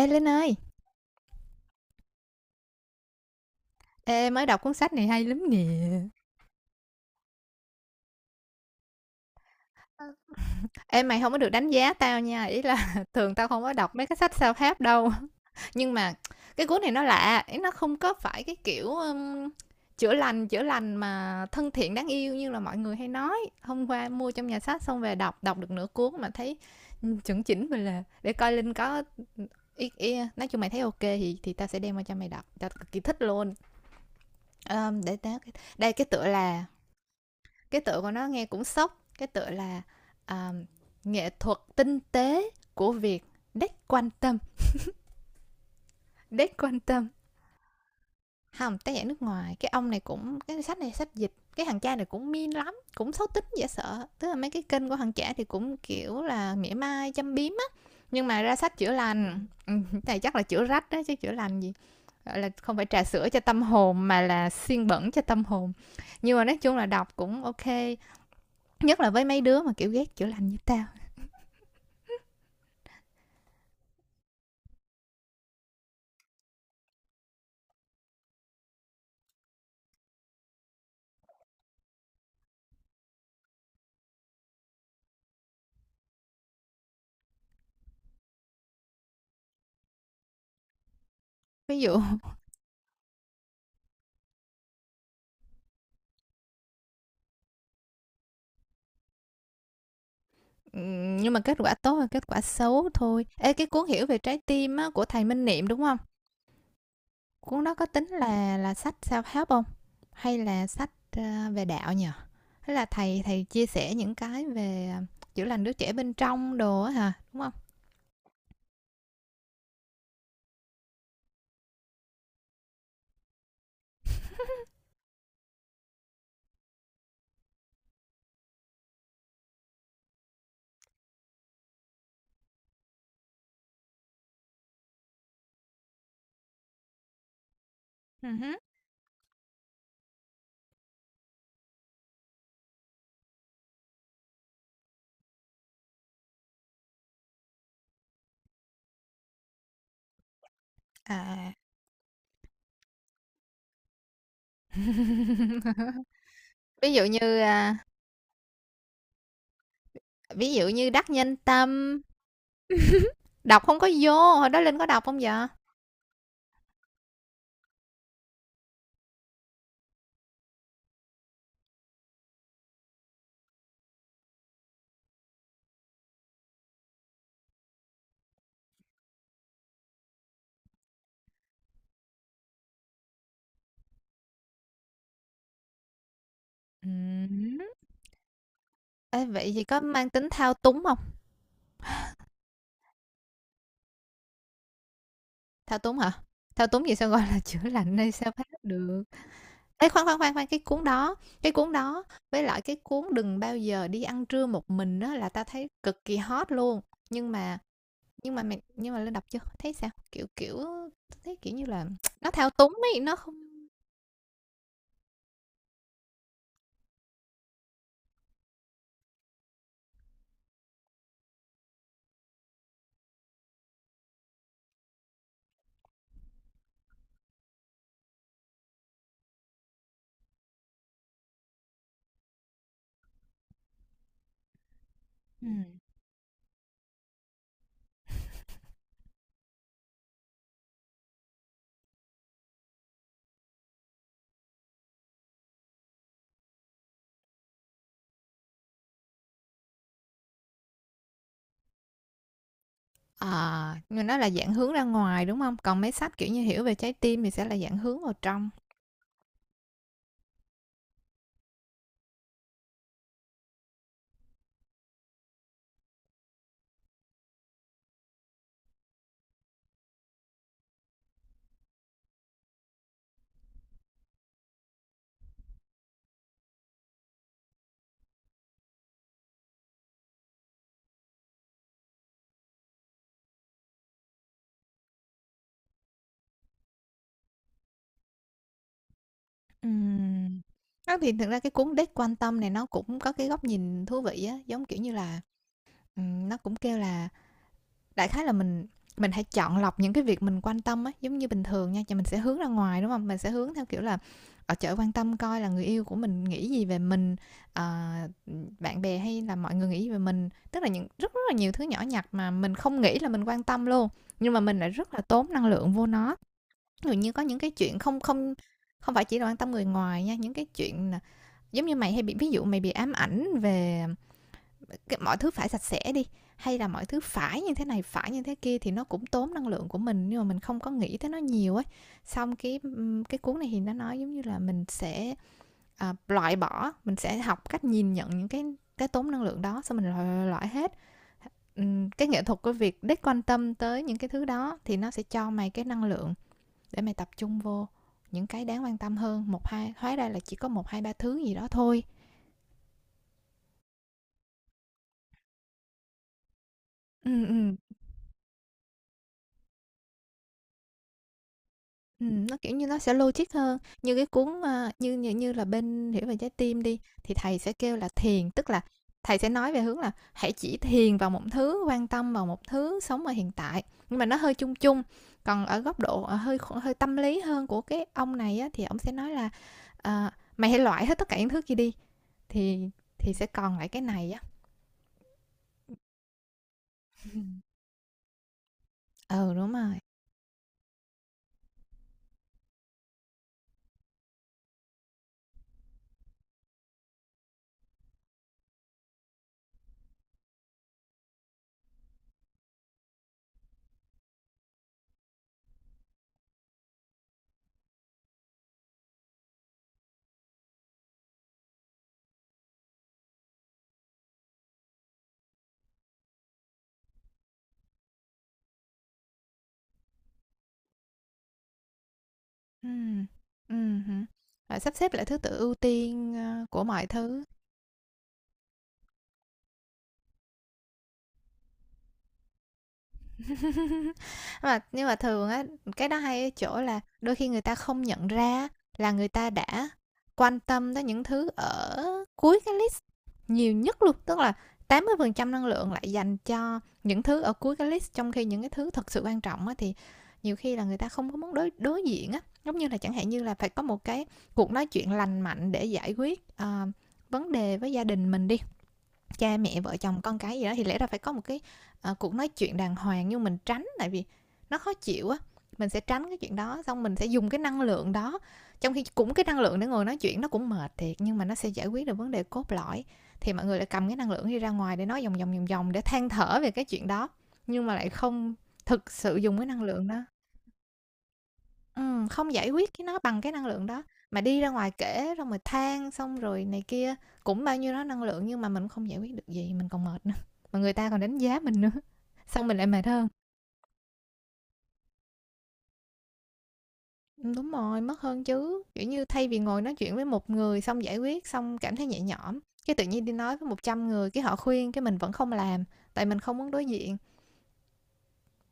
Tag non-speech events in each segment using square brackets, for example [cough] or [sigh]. Ê Linh ơi, ê mới đọc cuốn sách này hay lắm nè. Ê mày không có được đánh giá tao nha, ý là [laughs] thường tao không có đọc mấy cái sách self-help đâu. [laughs] Nhưng mà cái cuốn này nó lạ, ý nó không có phải cái kiểu chữa lành mà thân thiện đáng yêu như là mọi người hay nói. Hôm qua mua trong nhà sách xong về đọc, đọc được nửa cuốn mà thấy ừ, chuẩn chỉnh mình là để coi Linh có ý, nói chung mày thấy ok thì tao sẽ đem qua cho mày đọc. Tao cực kỳ thích luôn. Ờ, để tao đây cái tựa là cái tựa của nó nghe cũng sốc, cái tựa là à, nghệ thuật tinh tế của việc đếch quan tâm, đếch quan tâm. Không, tác giả nước ngoài, cái ông này cũng, cái sách này sách dịch, cái thằng cha này cũng min lắm, cũng xấu tính dễ sợ, tức là mấy cái kênh của thằng trẻ thì cũng kiểu là mỉa mai châm biếm á, nhưng mà ra sách chữa lành. [laughs] Ừ, này chắc là chữa rách đó chứ chữa lành gì, gọi là không phải trà sữa cho tâm hồn mà là xiên bẩn cho tâm hồn. Nhưng mà nói chung là đọc cũng ok, nhất là với mấy đứa mà kiểu ghét chữa lành như tao. Ví dụ ừ, nhưng mà kết quả tốt và kết quả xấu thôi. Ê, cái cuốn Hiểu về trái tim á, của thầy Minh Niệm đúng không? Cuốn đó có tính là sách self-help không? Hay là sách, ờ, về đạo nhỉ? Hay là thầy thầy chia sẻ những cái về, chữa lành đứa trẻ bên trong đồ á hả, đúng không? [laughs] À. [laughs] Ví dụ như, ví dụ như Đắc Nhân Tâm, đọc không có vô, hồi đó Linh có đọc không vậy? Ừm. Ê, vậy thì có mang tính thao túng không? Thao túng hả? Thao túng gì sao gọi là [laughs] chữa lành hay sao phát được? Ê, khoan, cái cuốn đó, cái cuốn đó với lại cái cuốn "Đừng bao giờ đi ăn trưa một mình" đó là ta thấy cực kỳ hot luôn. Nhưng mà nhưng mà mày, nhưng mà Linh đọc chưa? Thấy sao? Kiểu, thấy, kiểu như là, [tsk] nó thao túng ấy, nó không. Ừm. Ờ, nhưng nó là dạng hướng ra ngoài, đúng không? Còn mấy sách, kiểu như, Hiểu về trái tim thì sẽ là dạng hướng vào trong. Ừm. Đó, thì thực ra cái cuốn Đếch Quan Tâm này nó cũng có cái góc nhìn thú vị á, giống kiểu như là, ừm, nó cũng kêu là, đại khái là mình hãy chọn lọc những cái việc mình quan tâm á, giống như bình thường nha, thì mình sẽ hướng ra ngoài, đúng không? Mình sẽ hướng theo kiểu là, ở chợ quan tâm coi là người yêu của mình nghĩ gì về mình, ờ, bạn bè hay là mọi người nghĩ gì về mình. Tức là những rất rất là nhiều thứ nhỏ nhặt mà mình không nghĩ là mình quan tâm luôn, nhưng mà mình lại rất là tốn năng lượng vô nó. Ví dụ như có những cái chuyện không không không phải chỉ là quan tâm người ngoài nha, những cái chuyện là giống như mày hay bị, ví dụ mày bị ám ảnh về cái mọi thứ phải sạch sẽ đi, hay là mọi thứ phải như thế này phải như thế kia, thì nó cũng tốn năng lượng của mình nhưng mà mình không có nghĩ tới nó nhiều ấy. Xong cái cuốn này thì nó nói giống như là mình sẽ, loại bỏ, mình sẽ học cách nhìn nhận những cái tốn năng lượng đó, xong mình loại hết. Cái nghệ thuật của việc đích quan tâm tới những cái thứ đó thì nó sẽ cho mày cái năng lượng để mày tập trung vô những cái đáng quan tâm hơn. Một hai hóa ra là chỉ có một hai ba thứ gì đó thôi. Ừ, ừ. Nó, kiểu như, nó sẽ logic hơn. Như cái cuốn, a, như như như là bên Hiểu về trái tim đi, thì thầy sẽ kêu là thiền, tức là thầy sẽ nói về hướng là hãy chỉ thiền vào một thứ, quan tâm vào một thứ, sống ở hiện tại, nhưng mà nó hơi chung chung. Còn ở góc độ, ờ, hơi tâm lý hơn của cái ông này á, thì ổng sẽ nói là, ờ, "Mày hãy loại hết tất cả những thứ kia đi, thì sẽ còn lại cái này" á. Ừ, đúng rồi. Ừm, hứm, rồi sắp xếp lại thứ tự ưu tiên, ơ, của mọi thứ. Mà nhưng mà thường á, cái đó hay ở chỗ là đôi khi người ta không nhận ra là người ta đã quan tâm tới những thứ ở cuối cái list nhiều nhất luôn, tức là tám mươi phần trăm năng lượng lại dành cho những thứ ở cuối cái list, trong khi những cái thứ thật sự quan trọng á thì nhiều khi là người ta không có muốn đối đối diện á, giống như là chẳng hạn như là phải có một cái cuộc nói chuyện lành mạnh để giải quyết, vấn đề với gia đình mình đi, cha mẹ vợ chồng con cái gì đó, thì lẽ ra phải có một cái, ờ, cuộc nói chuyện đàng hoàng, nhưng mình tránh tại vì nó khó chịu á, mình sẽ tránh cái chuyện đó, xong mình sẽ dùng cái năng lượng đó. Trong khi cũng cái năng lượng để ngồi nói chuyện nó cũng mệt thiệt, nhưng mà nó sẽ giải quyết được vấn đề cốt lõi, thì mọi người lại cầm cái năng lượng đi ra ngoài để nói vòng vòng để than thở về cái chuyện đó, nhưng mà lại không thực sự dùng cái năng lượng đó. Không giải quyết cái nó bằng cái năng lượng đó, mà đi ra ngoài kể xong rồi than xong rồi này kia, cũng bao nhiêu đó năng lượng nhưng mà mình cũng không giải quyết được gì, mình còn mệt nữa, mà người ta còn đánh giá mình nữa, xong mình lại mệt hơn. Đúng rồi, mất hơn chứ, kiểu như, thay vì ngồi nói chuyện với một người xong giải quyết, xong cảm thấy nhẹ nhõm, cái tự nhiên đi nói với 100 người, cái họ khuyên cái mình vẫn không làm, tại mình không muốn đối diện,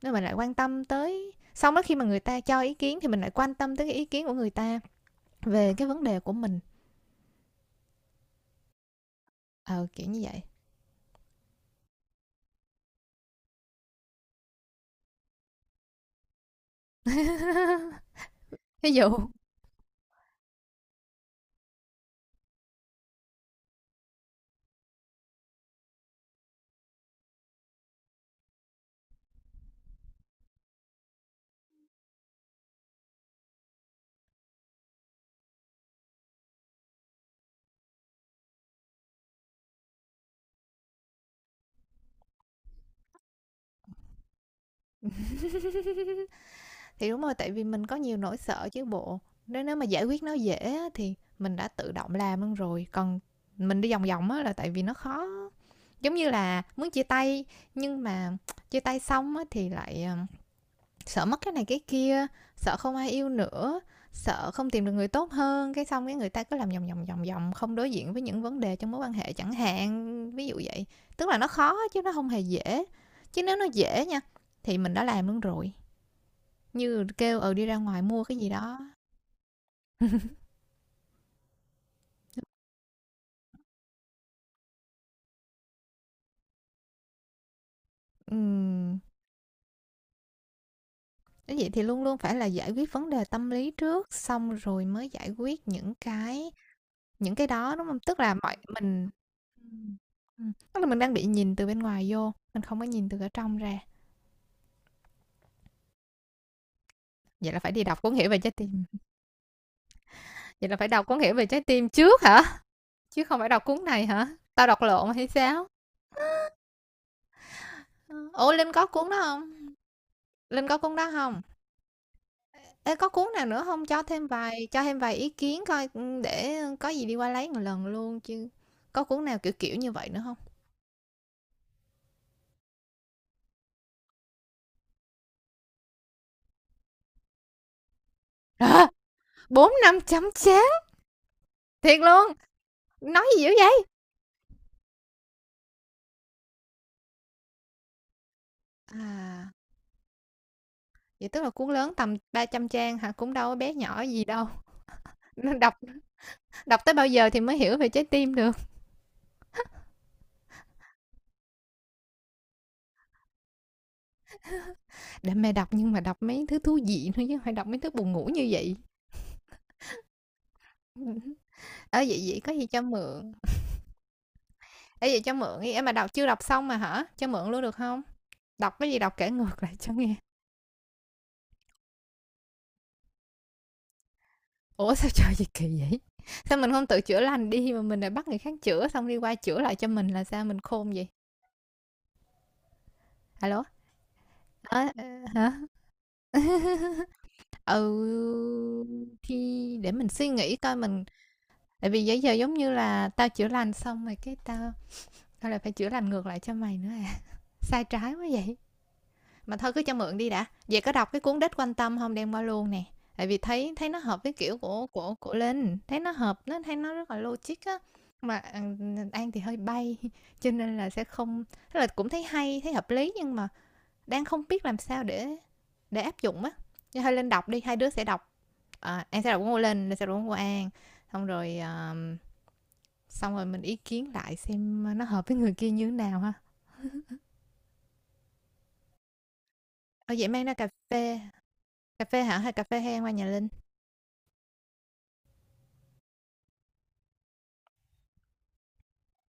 nên mình lại quan tâm tới, xong đó khi mà người ta cho ý kiến thì mình lại quan tâm tới cái ý kiến của người ta về cái vấn đề của mình, ờ, kiểu như vậy. Ví [laughs] dụ, thì đúng rồi tại vì mình có nhiều nỗi sợ chứ bộ. Nếu nếu mà giải quyết nó dễ thì mình đã tự động làm luôn rồi. Còn mình đi vòng vòng á là tại vì nó khó, giống như là muốn chia tay, nhưng mà chia tay xong á thì lại sợ mất cái này cái kia, sợ không ai yêu nữa, sợ không tìm được người tốt hơn, cái xong cái người ta cứ làm vòng vòng không đối diện với những vấn đề trong mối quan hệ chẳng hạn, ví dụ vậy. Tức là nó khó chứ nó không hề dễ, chứ nếu nó dễ nha thì mình đã làm luôn rồi. Như kêu, ừ, đi ra ngoài mua cái gì đó. Ừm, nếu vậy thì luôn luôn phải là giải quyết vấn đề tâm lý trước, xong rồi mới giải quyết những cái, những cái đó, đúng không? Tức là mọi mình, ừm, tức là mình đang bị nhìn từ bên ngoài vô, mình không có nhìn từ ở trong ra. Vậy là phải đi đọc cuốn Hiểu về trái tim. Vậy là phải đọc cuốn Hiểu về trái tim trước hả? Chứ không phải đọc cuốn này hả? Tao đọc lộn hay sao? Ờ, ủa, Linh có cuốn đó không? Linh có cuốn đó không? Ê, có cuốn nào nữa không? Cho thêm vài, cho thêm vài ý kiến coi, ưm, để có gì đi qua lấy một lần luôn chứ. Có cuốn nào kiểu kiểu như vậy nữa không? Đó, 4-5 chấm chết, thiệt luôn, nói gì dữ vậy? À, vậy tức là cuốn lớn tầm 300 trang hả? Cũng đâu có bé nhỏ gì đâu, nên đọc, đọc tới bao giờ thì mới hiểu về trái tim được? Để mẹ đọc nhưng mà đọc mấy thứ thú vị thôi chứ hông phải đọc mấy thứ buồn ngủ như vậy. [laughs] Ở vậy vậy có gì cho mượn, ở vậy cho mượn đi, ê, mà đọc chưa đọc xong mà hả? Cho mượn luôn được không? Đọc cái gì đọc kể ngược lại cho nghe. Ủa sao trời gì kỳ vậy, sao mình không tự chữa lành đi mà mình lại bắt người khác chữa xong đi qua chữa lại cho mình, là sao mình khôn vậy? Alo. Ờ, ờ, hả, [laughs] ừ, thì để mình suy nghĩ coi mình, tại vì bây giờ giống như là tao chữa lành xong rồi cái tao, tao lại phải chữa lành ngược lại cho mày nữa à, sai trái quá vậy. Mà thôi cứ cho mượn đi đã, về có đọc cái cuốn đích quan tâm không đem qua luôn nè, tại vì thấy, thấy nó hợp với kiểu của linh, thấy nó hợp, nó thấy nó rất là logic á. Mà An- thì hơi bay [laughs] cho nên là sẽ không, tức là cũng thấy hay thấy hợp lý nhưng mà đang không biết làm sao để áp dụng á. Cho hơi linh đọc đi, hai đứa sẽ đọc, an sẽ đọc của linh, linh sẽ đọc của an, xong rồi xong rồi mình ý kiến lại xem nó hợp với người kia như thế nào ha. Ở vậy mang ra cà phê, cà phê hả, hay cà phê hay qua nhà linh.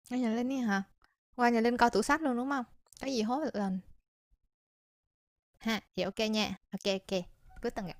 Qua nhà Linh ấy hả? Qua nhà Linh coi tủ sách luôn, đúng không? Có gì hối một lần ha, vậy ok nha. Ok ok ô kê, cuối tuần gặp.